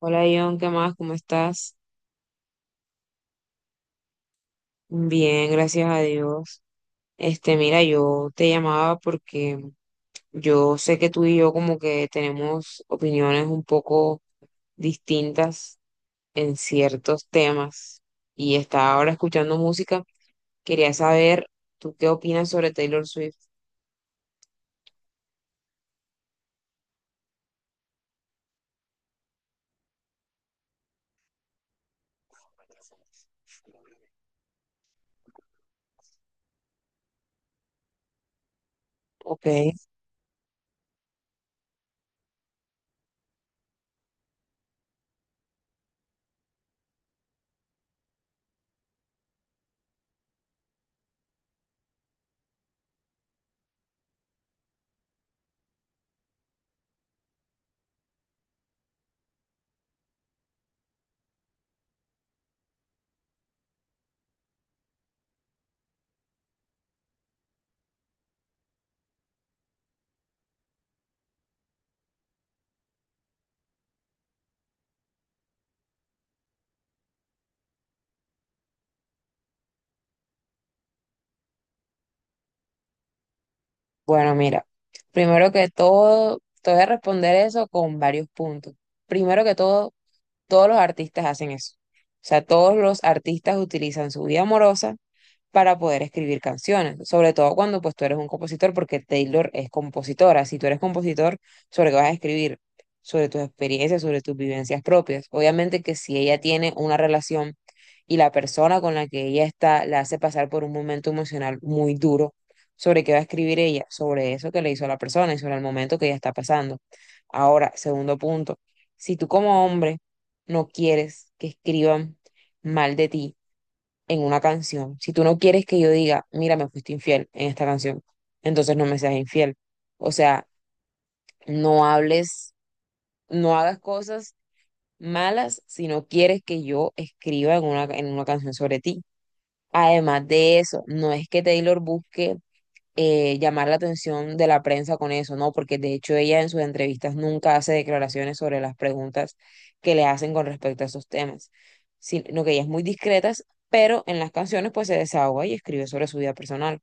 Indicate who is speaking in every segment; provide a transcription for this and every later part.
Speaker 1: Hola John, ¿qué más? ¿Cómo estás? Bien, gracias a Dios. Mira, yo te llamaba porque yo sé que tú y yo como que tenemos opiniones un poco distintas en ciertos temas y estaba ahora escuchando música. Quería saber, ¿tú qué opinas sobre Taylor Swift? Ok, bueno, mira, primero que todo, te voy a responder eso con varios puntos. Primero que todo, todos los artistas hacen eso. O sea, todos los artistas utilizan su vida amorosa para poder escribir canciones, sobre todo cuando pues tú eres un compositor, porque Taylor es compositora, si tú eres compositor, sobre qué vas a escribir, sobre tus experiencias, sobre tus vivencias propias. Obviamente que si ella tiene una relación y la persona con la que ella está la hace pasar por un momento emocional muy duro, sobre qué va a escribir ella, sobre eso que le hizo a la persona y sobre el momento que ella está pasando. Ahora, segundo punto, si tú como hombre no quieres que escriban mal de ti, en una canción. Si tú no quieres que yo diga, mira, me fuiste infiel en esta canción, entonces no me seas infiel. O sea, no hables, no hagas cosas malas si no quieres que yo escriba en una canción sobre ti. Además de eso, no es que Taylor busque llamar la atención de la prensa con eso, ¿no? Porque de hecho ella en sus entrevistas nunca hace declaraciones sobre las preguntas que le hacen con respecto a esos temas, sino que ella es muy discreta, pero en las canciones pues se desahoga y escribe sobre su vida personal.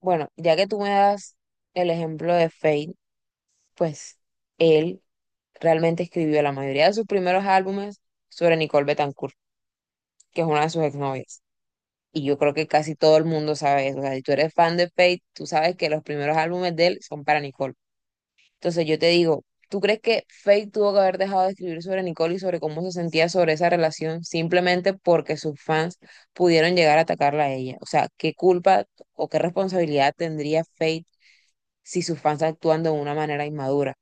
Speaker 1: Bueno, ya que tú me das el ejemplo de Fate, pues él realmente escribió la mayoría de sus primeros álbumes sobre Nicole Betancourt, que es una de sus exnovias. Y yo creo que casi todo el mundo sabe eso. O sea, si tú eres fan de Fate, tú sabes que los primeros álbumes de él son para Nicole. Entonces yo te digo, ¿tú crees que Faith tuvo que haber dejado de escribir sobre Nicole y sobre cómo se sentía sobre esa relación simplemente porque sus fans pudieron llegar a atacarla a ella? O sea, ¿qué culpa o qué responsabilidad tendría Faith si sus fans actúan de una manera inmadura?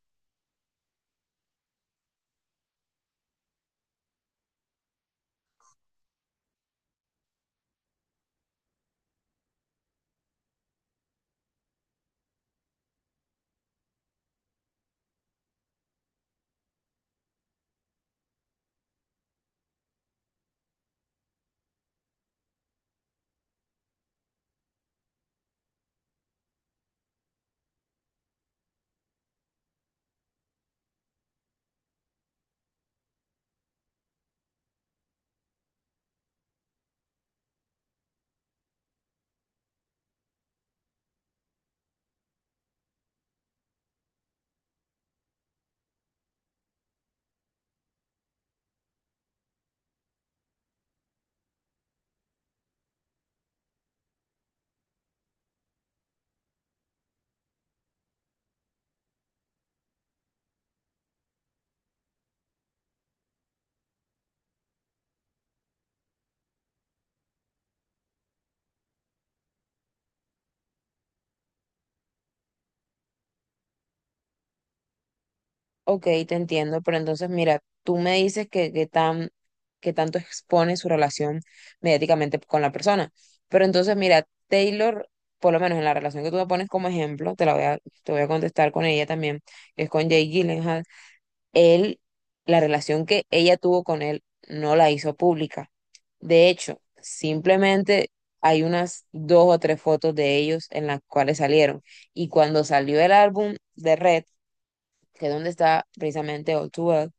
Speaker 1: Ok, te entiendo, pero entonces mira, tú me dices que tanto expone su relación mediáticamente con la persona, pero entonces mira, Taylor, por lo menos en la relación que tú me pones como ejemplo, te voy a contestar con ella también, que es con Jake Gyllenhaal, él, la relación que ella tuvo con él no la hizo pública. De hecho, simplemente hay unas dos o tres fotos de ellos en las cuales salieron, y cuando salió el álbum de Red, que es donde está precisamente All Too Well,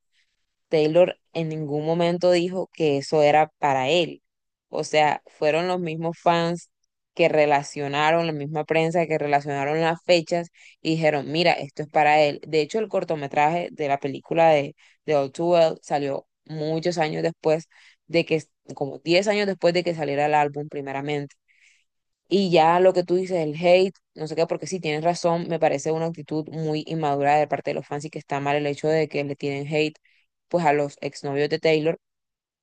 Speaker 1: Taylor en ningún momento dijo que eso era para él. O sea, fueron los mismos fans que relacionaron, la misma prensa que relacionaron las fechas y dijeron, mira, esto es para él. De hecho, el cortometraje de la película de All Too Well salió muchos años después de que, como 10 años después de que saliera el álbum primeramente. Y ya lo que tú dices, el hate, no sé qué, porque sí tienes razón, me parece una actitud muy inmadura de parte de los fans y que está mal el hecho de que le tienen hate pues a los exnovios de Taylor.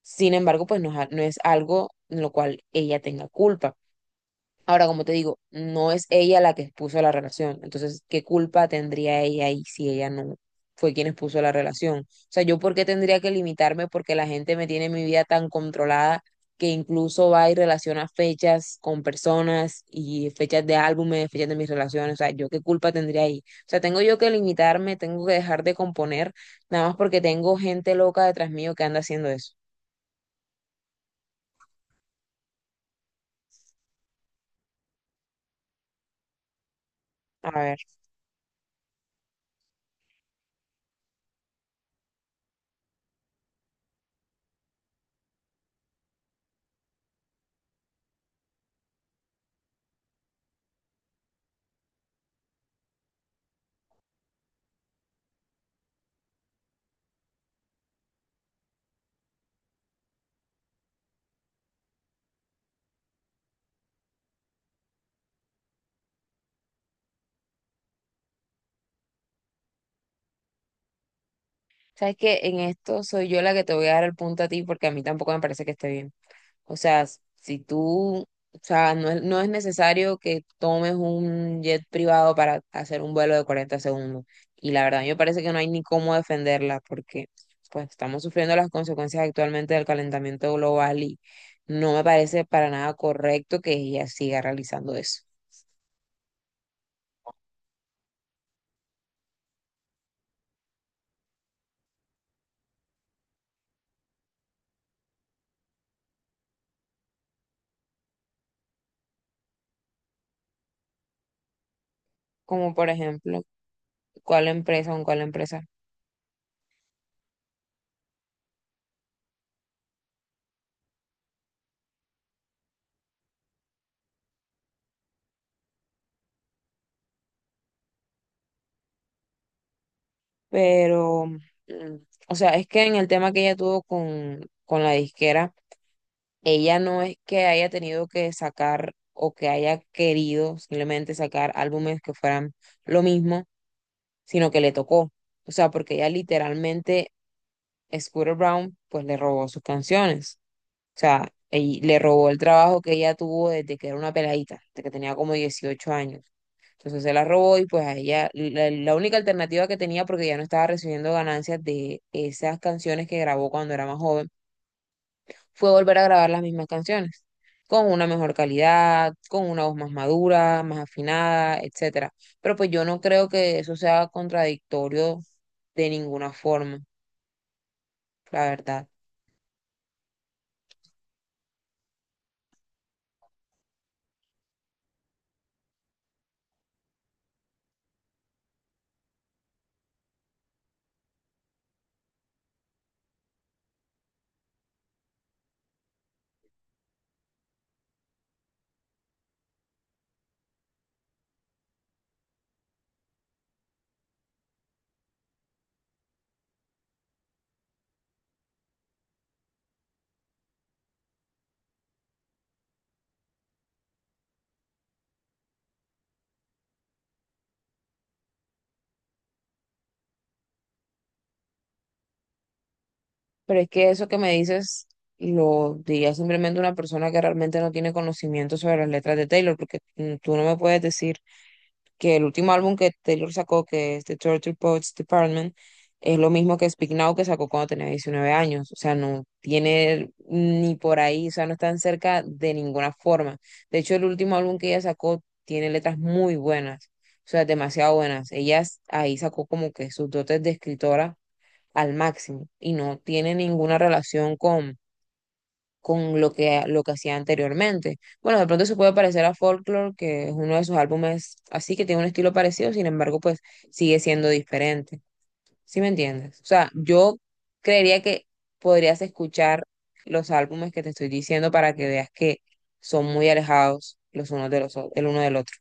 Speaker 1: Sin embargo, pues no, no es algo en lo cual ella tenga culpa. Ahora, como te digo, no es ella la que expuso la relación. Entonces, ¿qué culpa tendría ella ahí si ella no fue quien expuso la relación? O sea, ¿yo por qué tendría que limitarme? Porque la gente me tiene mi vida tan controlada que incluso va y relaciona fechas con personas y fechas de álbumes, fechas de mis relaciones. O sea, ¿yo qué culpa tendría ahí? O sea, tengo yo que limitarme, tengo que dejar de componer, nada más porque tengo gente loca detrás mío que anda haciendo eso. A ver, ¿sabes qué? En esto soy yo la que te voy a dar el punto a ti porque a mí tampoco me parece que esté bien. O sea, si tú, o sea, no es necesario que tomes un jet privado para hacer un vuelo de 40 segundos. Y la verdad, a mí me parece que no hay ni cómo defenderla porque pues estamos sufriendo las consecuencias actualmente del calentamiento global y no me parece para nada correcto que ella siga realizando eso. Como por ejemplo, cuál empresa o cuál empresa. Pero, o sea, es que en el tema que ella tuvo con la disquera, ella no es que haya tenido que sacar o que haya querido simplemente sacar álbumes que fueran lo mismo, sino que le tocó. O sea, porque ella literalmente, Scooter Brown, pues le robó sus canciones. O sea, le robó el trabajo que ella tuvo desde que era una peladita, desde que tenía como 18 años. Entonces se la robó y pues a ella, la única alternativa que tenía, porque ya no estaba recibiendo ganancias de esas canciones que grabó cuando era más joven, fue volver a grabar las mismas canciones, con una mejor calidad, con una voz más madura, más afinada, etcétera. Pero pues yo no creo que eso sea contradictorio de ninguna forma, la verdad. Pero es que eso que me dices lo diría simplemente una persona que realmente no tiene conocimiento sobre las letras de Taylor, porque tú no me puedes decir que el último álbum que Taylor sacó, que es The Torture Poets Department, es lo mismo que Speak Now que sacó cuando tenía 19 años. O sea, no tiene ni por ahí, o sea, no están cerca de ninguna forma. De hecho, el último álbum que ella sacó tiene letras muy buenas, o sea, demasiado buenas. Ahí sacó como que sus dotes de escritora al máximo y no tiene ninguna relación con lo que hacía anteriormente. Bueno, de pronto se puede parecer a Folklore, que es uno de sus álbumes así, que tiene un estilo parecido, sin embargo, pues sigue siendo diferente. ¿Sí me entiendes? O sea, yo creería que podrías escuchar los álbumes que te estoy diciendo para que veas que son muy alejados los unos de los, el uno del otro.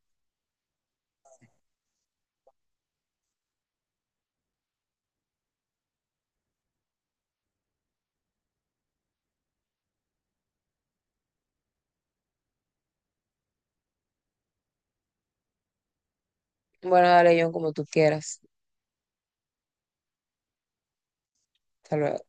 Speaker 1: Bueno, dale, John, como tú quieras. Hasta luego.